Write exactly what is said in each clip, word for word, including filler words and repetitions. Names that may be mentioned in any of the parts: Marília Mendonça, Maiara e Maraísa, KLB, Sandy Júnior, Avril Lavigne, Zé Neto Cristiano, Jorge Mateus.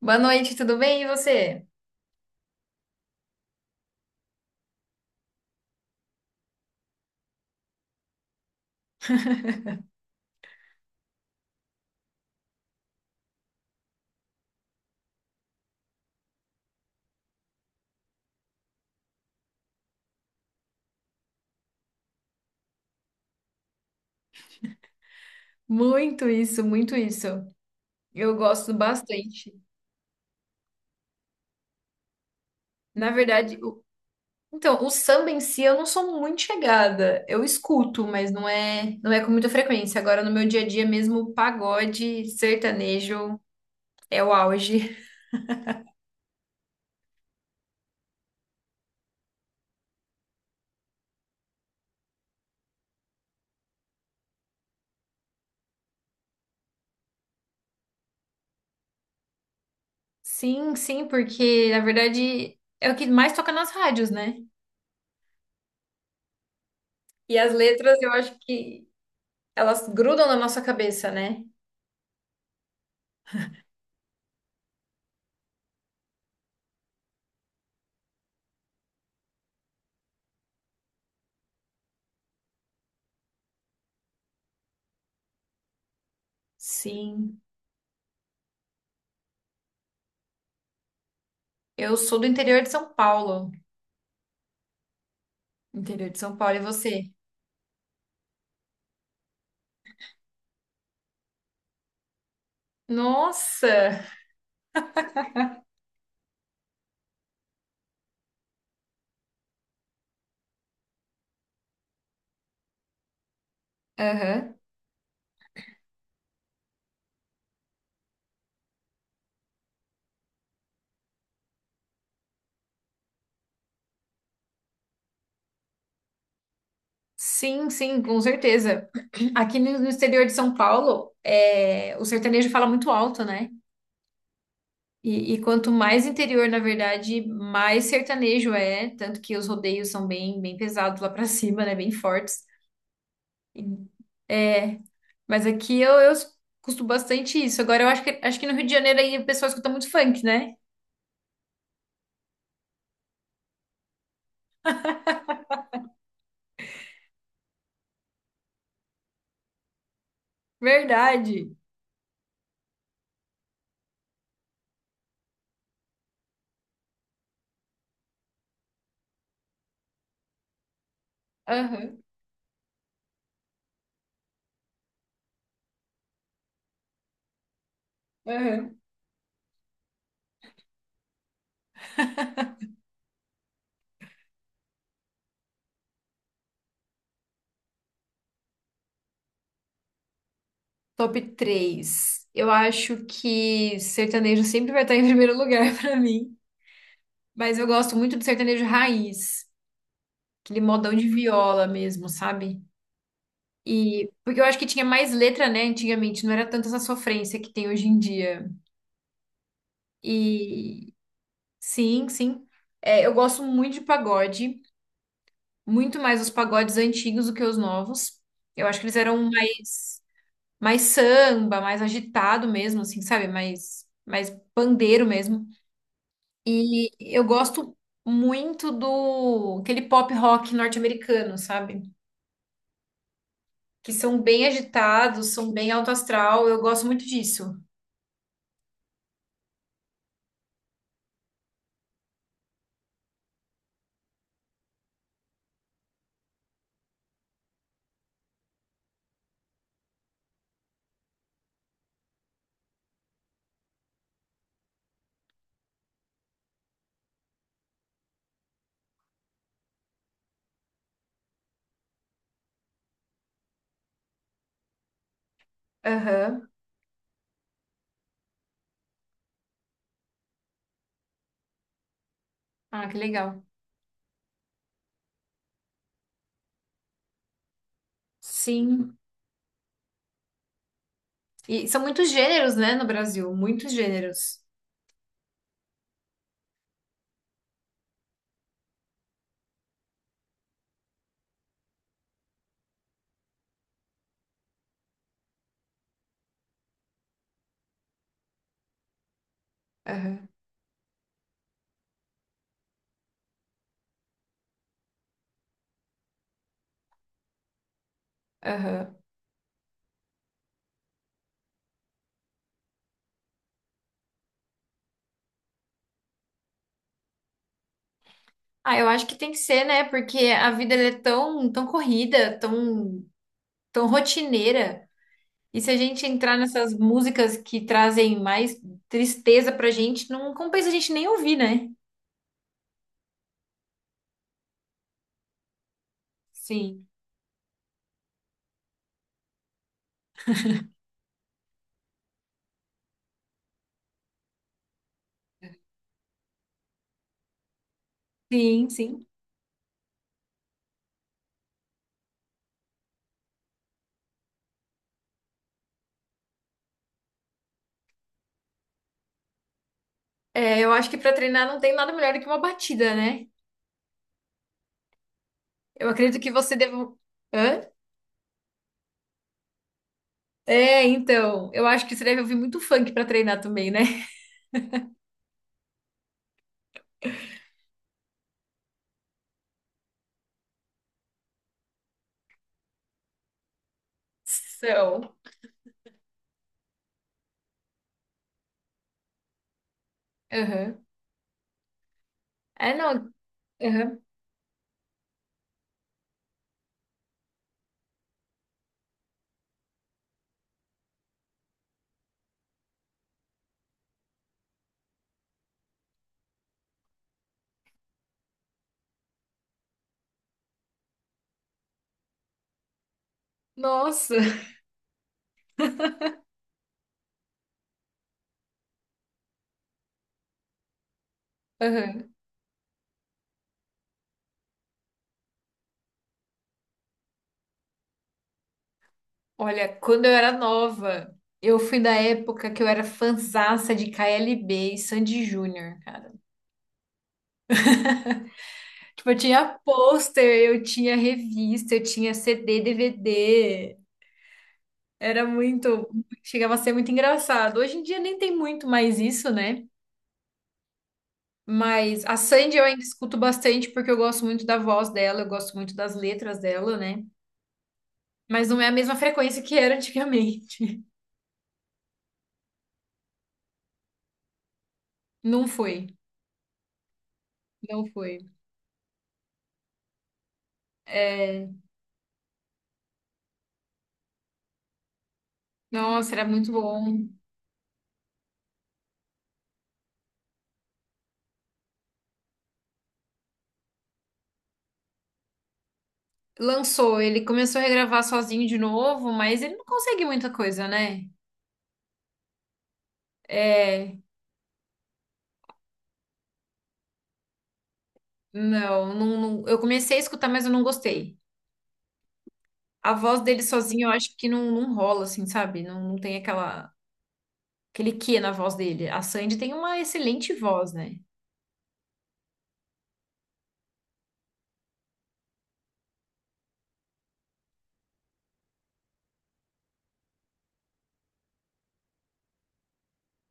Boa noite, tudo bem? E você? Muito isso, muito isso. Eu gosto bastante. Na verdade, o- então, o samba em si eu não sou muito chegada. Eu escuto, mas não é, não é com muita frequência. Agora, no meu dia a dia mesmo, pagode, sertanejo é o auge. Sim, sim, porque na verdade é o que mais toca nas rádios, né? E as letras eu acho que elas grudam na nossa cabeça, né? Sim. Eu sou do interior de São Paulo. Interior de São Paulo, e você? Nossa! Aham. Sim, sim, com certeza. Aqui no no exterior de São Paulo, é, o sertanejo fala muito alto, né? E, e quanto mais interior, na verdade, mais sertanejo é. Tanto que os rodeios são bem, bem pesados lá pra cima, né? Bem fortes. E- É, mas aqui eu, eu escuto bastante isso. Agora eu acho que, acho que no Rio de Janeiro aí o pessoal escuta muito funk, né? Verdade. Aham, aham. Top três. Eu acho que sertanejo sempre vai estar em primeiro lugar pra mim. Mas eu gosto muito do sertanejo raiz, aquele modão de viola mesmo, sabe? E porque eu acho que tinha mais letra, né, antigamente, não era tanta essa sofrência que tem hoje em dia. E sim, sim. É, eu gosto muito de pagode, muito mais os pagodes antigos do que os novos. Eu acho que eles eram mais mais samba, mais agitado mesmo, assim, sabe? Mais mais pandeiro mesmo. E eu gosto muito do aquele pop rock norte-americano, sabe? Que são bem agitados, são bem alto astral. Eu gosto muito disso. Aham. Ah, que legal. Sim. E são muitos gêneros, né, no Brasil, muitos gêneros. Aham. Aham. Ah, eu acho que tem que ser, né? Porque a vida ela é tão, tão corrida, tão, tão rotineira. E se a gente entrar nessas músicas que trazem mais tristeza pra gente, não compensa a gente nem ouvir, né? Sim. Sim, sim. É, eu acho que para treinar não tem nada melhor do que uma batida, né? Eu acredito que você deve. Hã? É, então. Eu acho que você deve ouvir muito funk para treinar também, né? São. Aham. É, não. Aham. Nossa. Aham. Olha, quando eu era nova, eu fui da época que eu era fanzaça de K L B e Sandy Júnior, cara. Tipo, eu tinha pôster, eu tinha revista, eu tinha C D, D V D. Era muito, chegava a ser muito engraçado. Hoje em dia nem tem muito mais isso, né? Mas a Sandy eu ainda escuto bastante porque eu gosto muito da voz dela, eu gosto muito das letras dela, né? Mas não é a mesma frequência que era antigamente. Não foi, não foi. É, nossa, era muito bom. Lançou, ele começou a regravar sozinho de novo, mas ele não consegue muita coisa, né? É, não, não, não- eu comecei a escutar, mas eu não gostei. A voz dele sozinho, eu acho que não, não rola, assim, sabe? Não, não tem aquela aquele quê na voz dele. A Sandy tem uma excelente voz, né?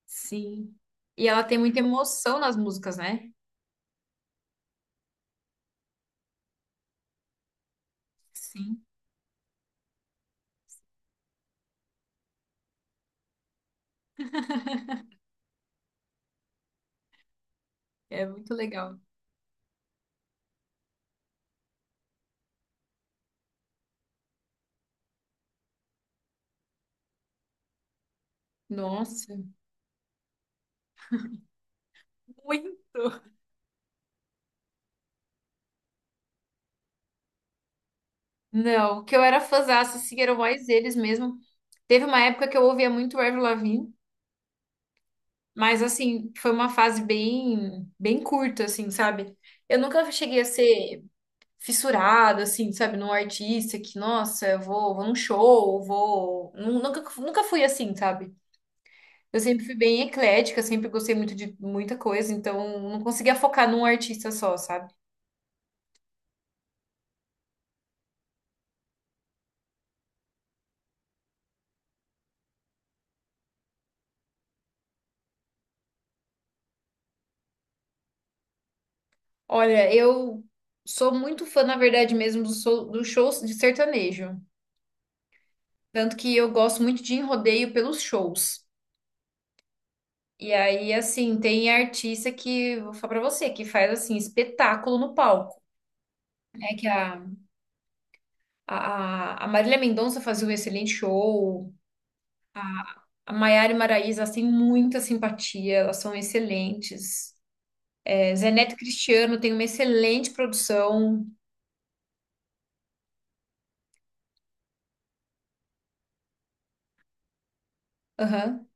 Sim, e ela tem muita emoção nas músicas, né? Sim. É muito legal. Nossa. Muito. Não, que eu era fãzaça, assim, eram mais eles mesmo. Teve uma época que eu ouvia muito o Avril Lavigne, mas assim, foi uma fase bem, bem curta, assim, sabe? Eu nunca cheguei a ser fissurada, assim, sabe, num artista que, nossa, eu vou, vou num show, vou. Nu- Nunca, nunca fui assim, sabe? Eu sempre fui bem eclética, sempre gostei muito de muita coisa, então não conseguia focar num artista só, sabe? Olha, eu sou muito fã, na verdade mesmo, dos so- dos shows de sertanejo. Tanto que eu gosto muito de ir em rodeio pelos shows. E aí, assim, tem artista que, vou falar pra você, que faz, assim, espetáculo no palco. É que a, a, a Marília Mendonça fazia um excelente show, a a Maiara e Maraísa, elas têm muita simpatia, elas são excelentes. Zé Neto Cristiano tem uma excelente produção. Aham,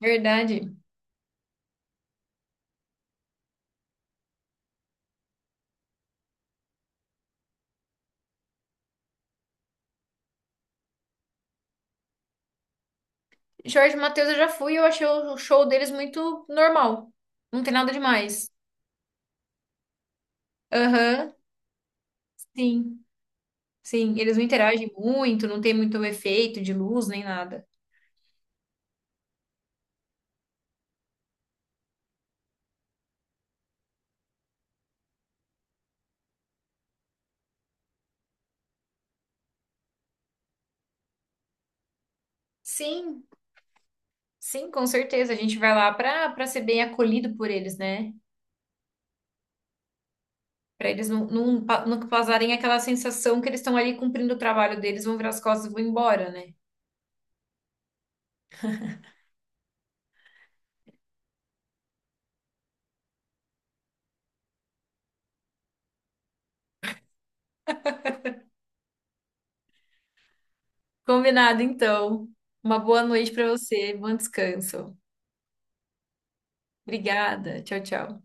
verdade. Jorge Mateus eu já fui, e eu achei o show deles muito normal. Não tem nada demais. Aham, sim. Sim, eles não interagem muito, não tem muito efeito de luz nem nada. Sim, sim, com certeza. A gente vai lá para para ser bem acolhido por eles, né? Para eles não, não, pa- não causarem aquela sensação que eles estão ali cumprindo o trabalho deles, vão virar as costas e vão embora, né? Combinado, então. Uma boa noite para você, bom descanso. Obrigada. Tchau, tchau.